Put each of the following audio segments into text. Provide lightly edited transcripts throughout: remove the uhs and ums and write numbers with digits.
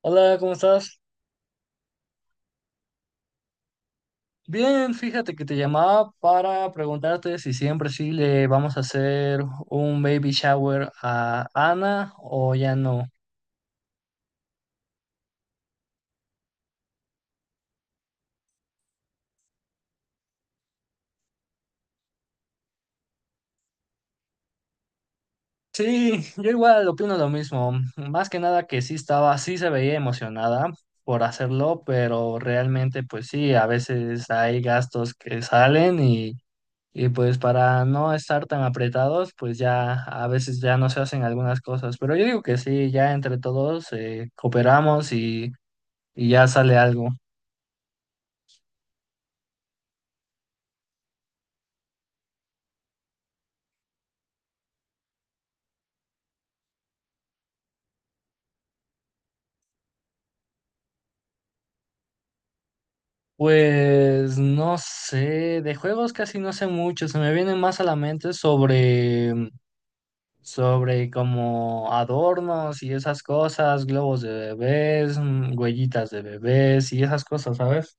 Hola, ¿cómo estás? Bien, fíjate que te llamaba para preguntarte si siempre sí le vamos a hacer un baby shower a Ana o ya no. Sí, yo igual opino lo mismo. Más que nada que sí estaba, sí se veía emocionada por hacerlo, pero realmente pues sí, a veces hay gastos que salen y pues para no estar tan apretados, pues ya a veces ya no se hacen algunas cosas. Pero yo digo que sí, ya entre todos cooperamos y ya sale algo. Pues no sé, de juegos casi no sé mucho, se me vienen más a la mente sobre como adornos y esas cosas, globos de bebés, huellitas de bebés y esas cosas, ¿sabes?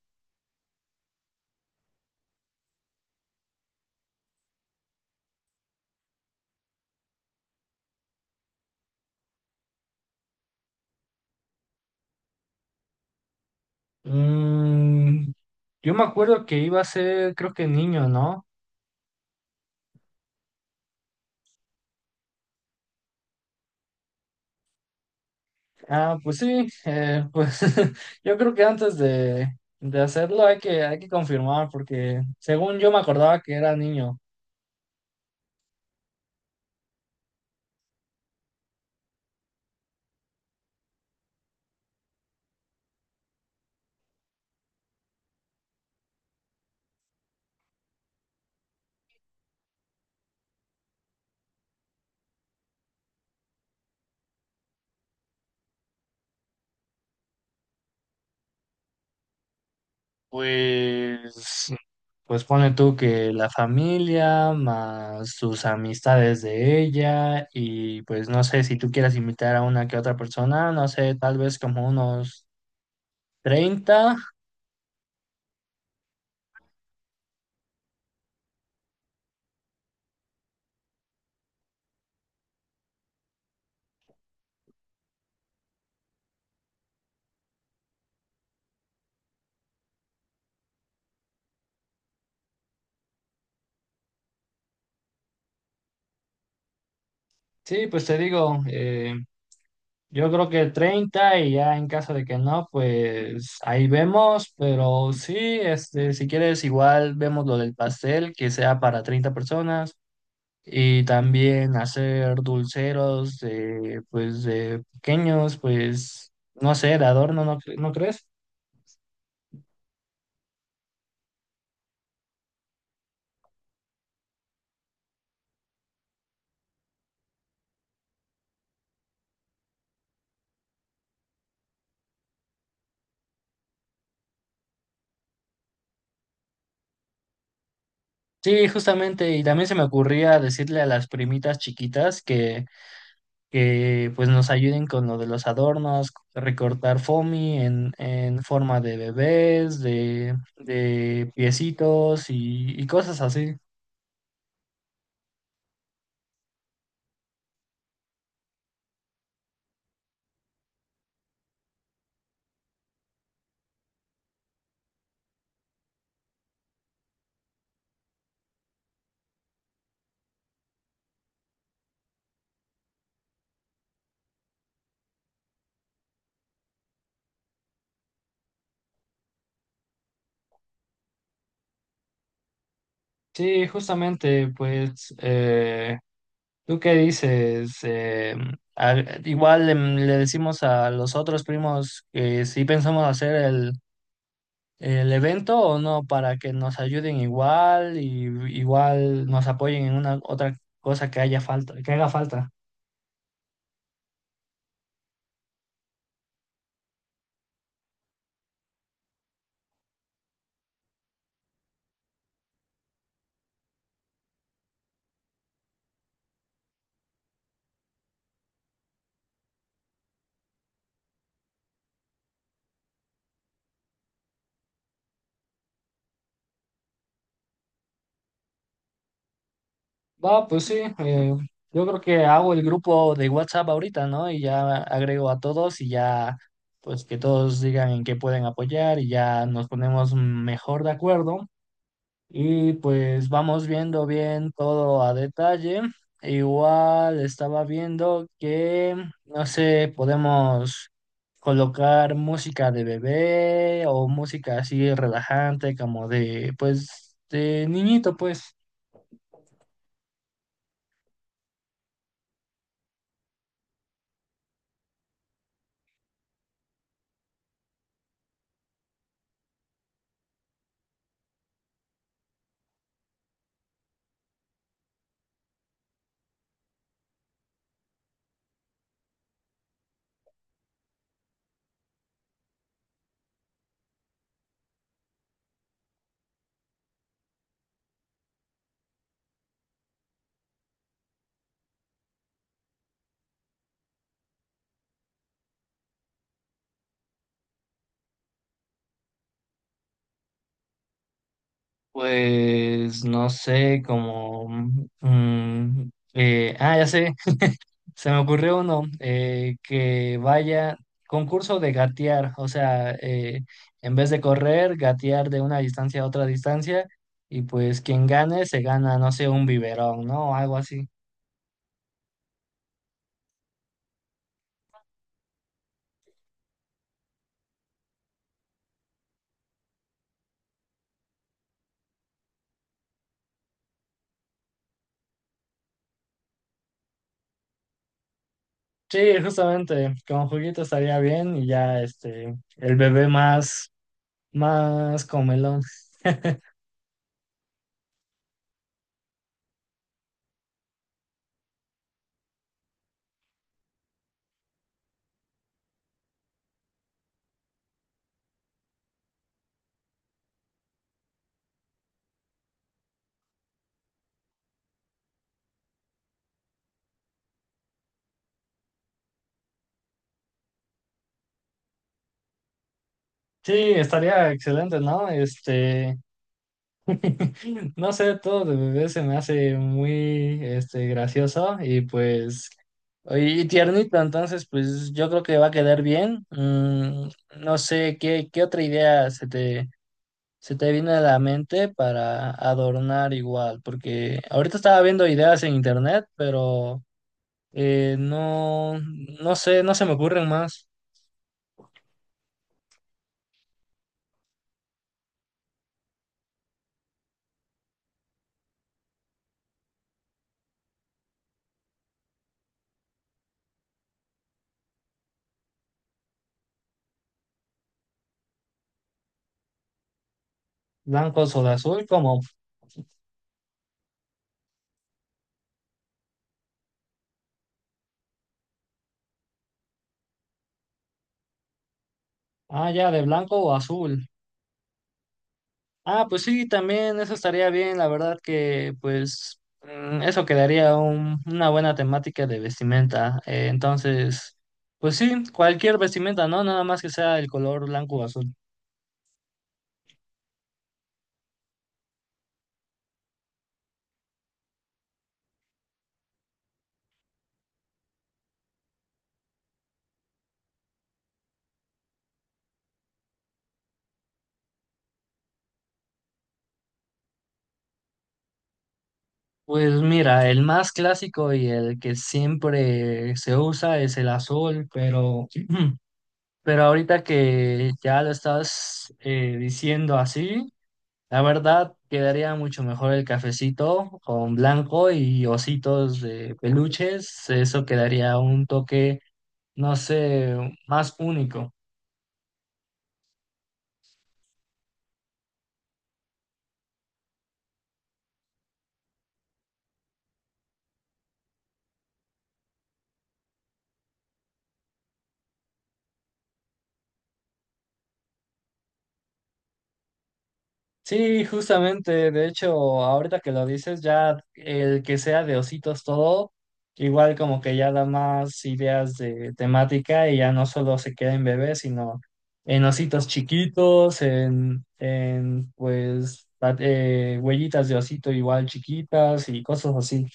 Mm, yo me acuerdo que iba a ser, creo que niño, ¿no? Ah, pues sí, pues yo creo que antes de hacerlo hay que confirmar, porque según yo me acordaba que era niño. Pues, pues ponle tú que la familia, más tus amistades de ella, y pues no sé si tú quieras invitar a una que otra persona, no sé, tal vez como unos 30. Sí, pues te digo, yo creo que 30 y ya en caso de que no, pues ahí vemos, pero sí, este, si quieres igual vemos lo del pastel, que sea para 30 personas. Y también hacer dulceros de, pues, de pequeños, pues, no sé, de adorno, ¿no, no crees? Sí, justamente, y también se me ocurría decirle a las primitas chiquitas que pues nos ayuden con lo de los adornos, recortar foamy en forma de bebés, de piecitos y cosas así. Sí, justamente, pues ¿tú qué dices? Igual le decimos a los otros primos que si pensamos hacer el evento o no, para que nos ayuden igual y igual nos apoyen en una otra cosa que haya falta, que haga falta. Va, pues sí, yo creo que hago el grupo de WhatsApp ahorita, ¿no? Y ya agrego a todos y ya, pues que todos digan en qué pueden apoyar y ya nos ponemos mejor de acuerdo. Y pues vamos viendo bien todo a detalle. Igual estaba viendo que, no sé, podemos colocar música de bebé o música así relajante como de, pues, de niñito, pues. Pues, no sé, como ya sé. Se me ocurrió uno, que vaya concurso de gatear, o sea, en vez de correr, gatear de una distancia a otra distancia y pues quien gane se gana, no sé, un biberón, ¿no? O algo así. Sí, justamente, con juguito estaría bien y ya este, el bebé más comelón. Sí, estaría excelente, ¿no? Este, no sé, todo de bebé se me hace muy este, gracioso y pues y tiernito, entonces pues yo creo que va a quedar bien. No sé, ¿qué otra idea se te vino a la mente para adornar igual? Porque ahorita estaba viendo ideas en internet, pero eh, no, no sé, no se me ocurren más blancos o de azul, como, ah, ya, de blanco o azul. Ah, pues sí, también eso estaría bien, la verdad que pues eso quedaría una buena temática de vestimenta. Entonces, pues sí, cualquier vestimenta, ¿no? Nada más que sea el color blanco o azul. Pues mira, el más clásico y el que siempre se usa es el azul, pero pero ahorita que ya lo estás diciendo así. La verdad, quedaría mucho mejor el cafecito con blanco y ositos de peluches. Eso quedaría un toque, no sé, más único. Sí, justamente, de hecho, ahorita que lo dices, ya el que sea de ositos todo, igual como que ya da más ideas de temática y ya no solo se queda en bebés, sino en ositos chiquitos, en pues huellitas de osito igual chiquitas y cosas así.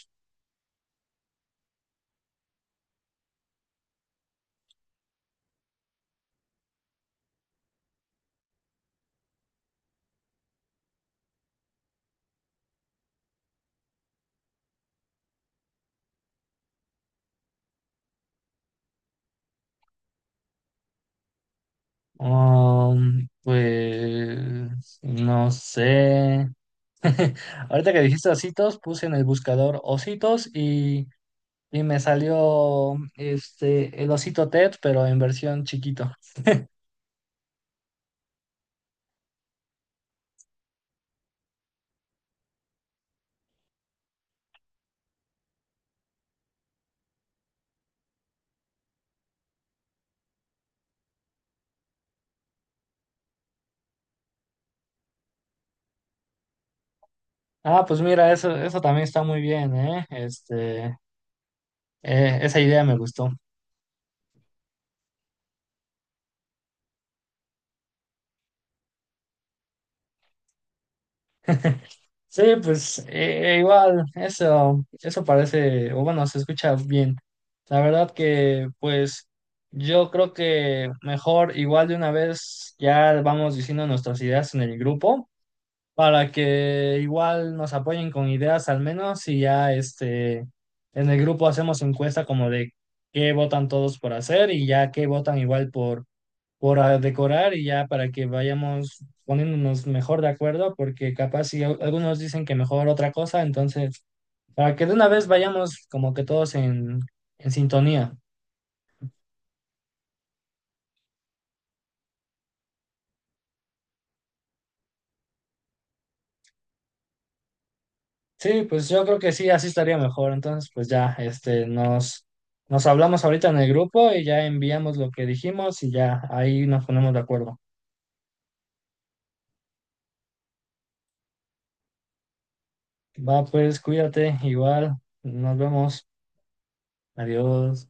Pues no sé. Ahorita que dijiste ositos, puse en el buscador ositos y me salió este el osito Ted, pero en versión chiquito. Ah, pues mira, eso también está muy bien, ¿eh? Este, esa idea me gustó. Sí, pues igual, eso parece, o bueno, se escucha bien. La verdad que, pues, yo creo que mejor, igual de una vez, ya vamos diciendo nuestras ideas en el grupo, para que igual nos apoyen con ideas al menos, y ya este, en el grupo hacemos encuesta como de qué votan todos por hacer y ya qué votan igual por decorar y ya para que vayamos poniéndonos mejor de acuerdo, porque capaz si algunos dicen que mejor otra cosa, entonces para que de una vez vayamos como que todos en sintonía. Sí, pues yo creo que sí, así estaría mejor. Entonces, pues ya, este, nos hablamos ahorita en el grupo y ya enviamos lo que dijimos y ya ahí nos ponemos de acuerdo. Va, pues cuídate, igual, nos vemos. Adiós.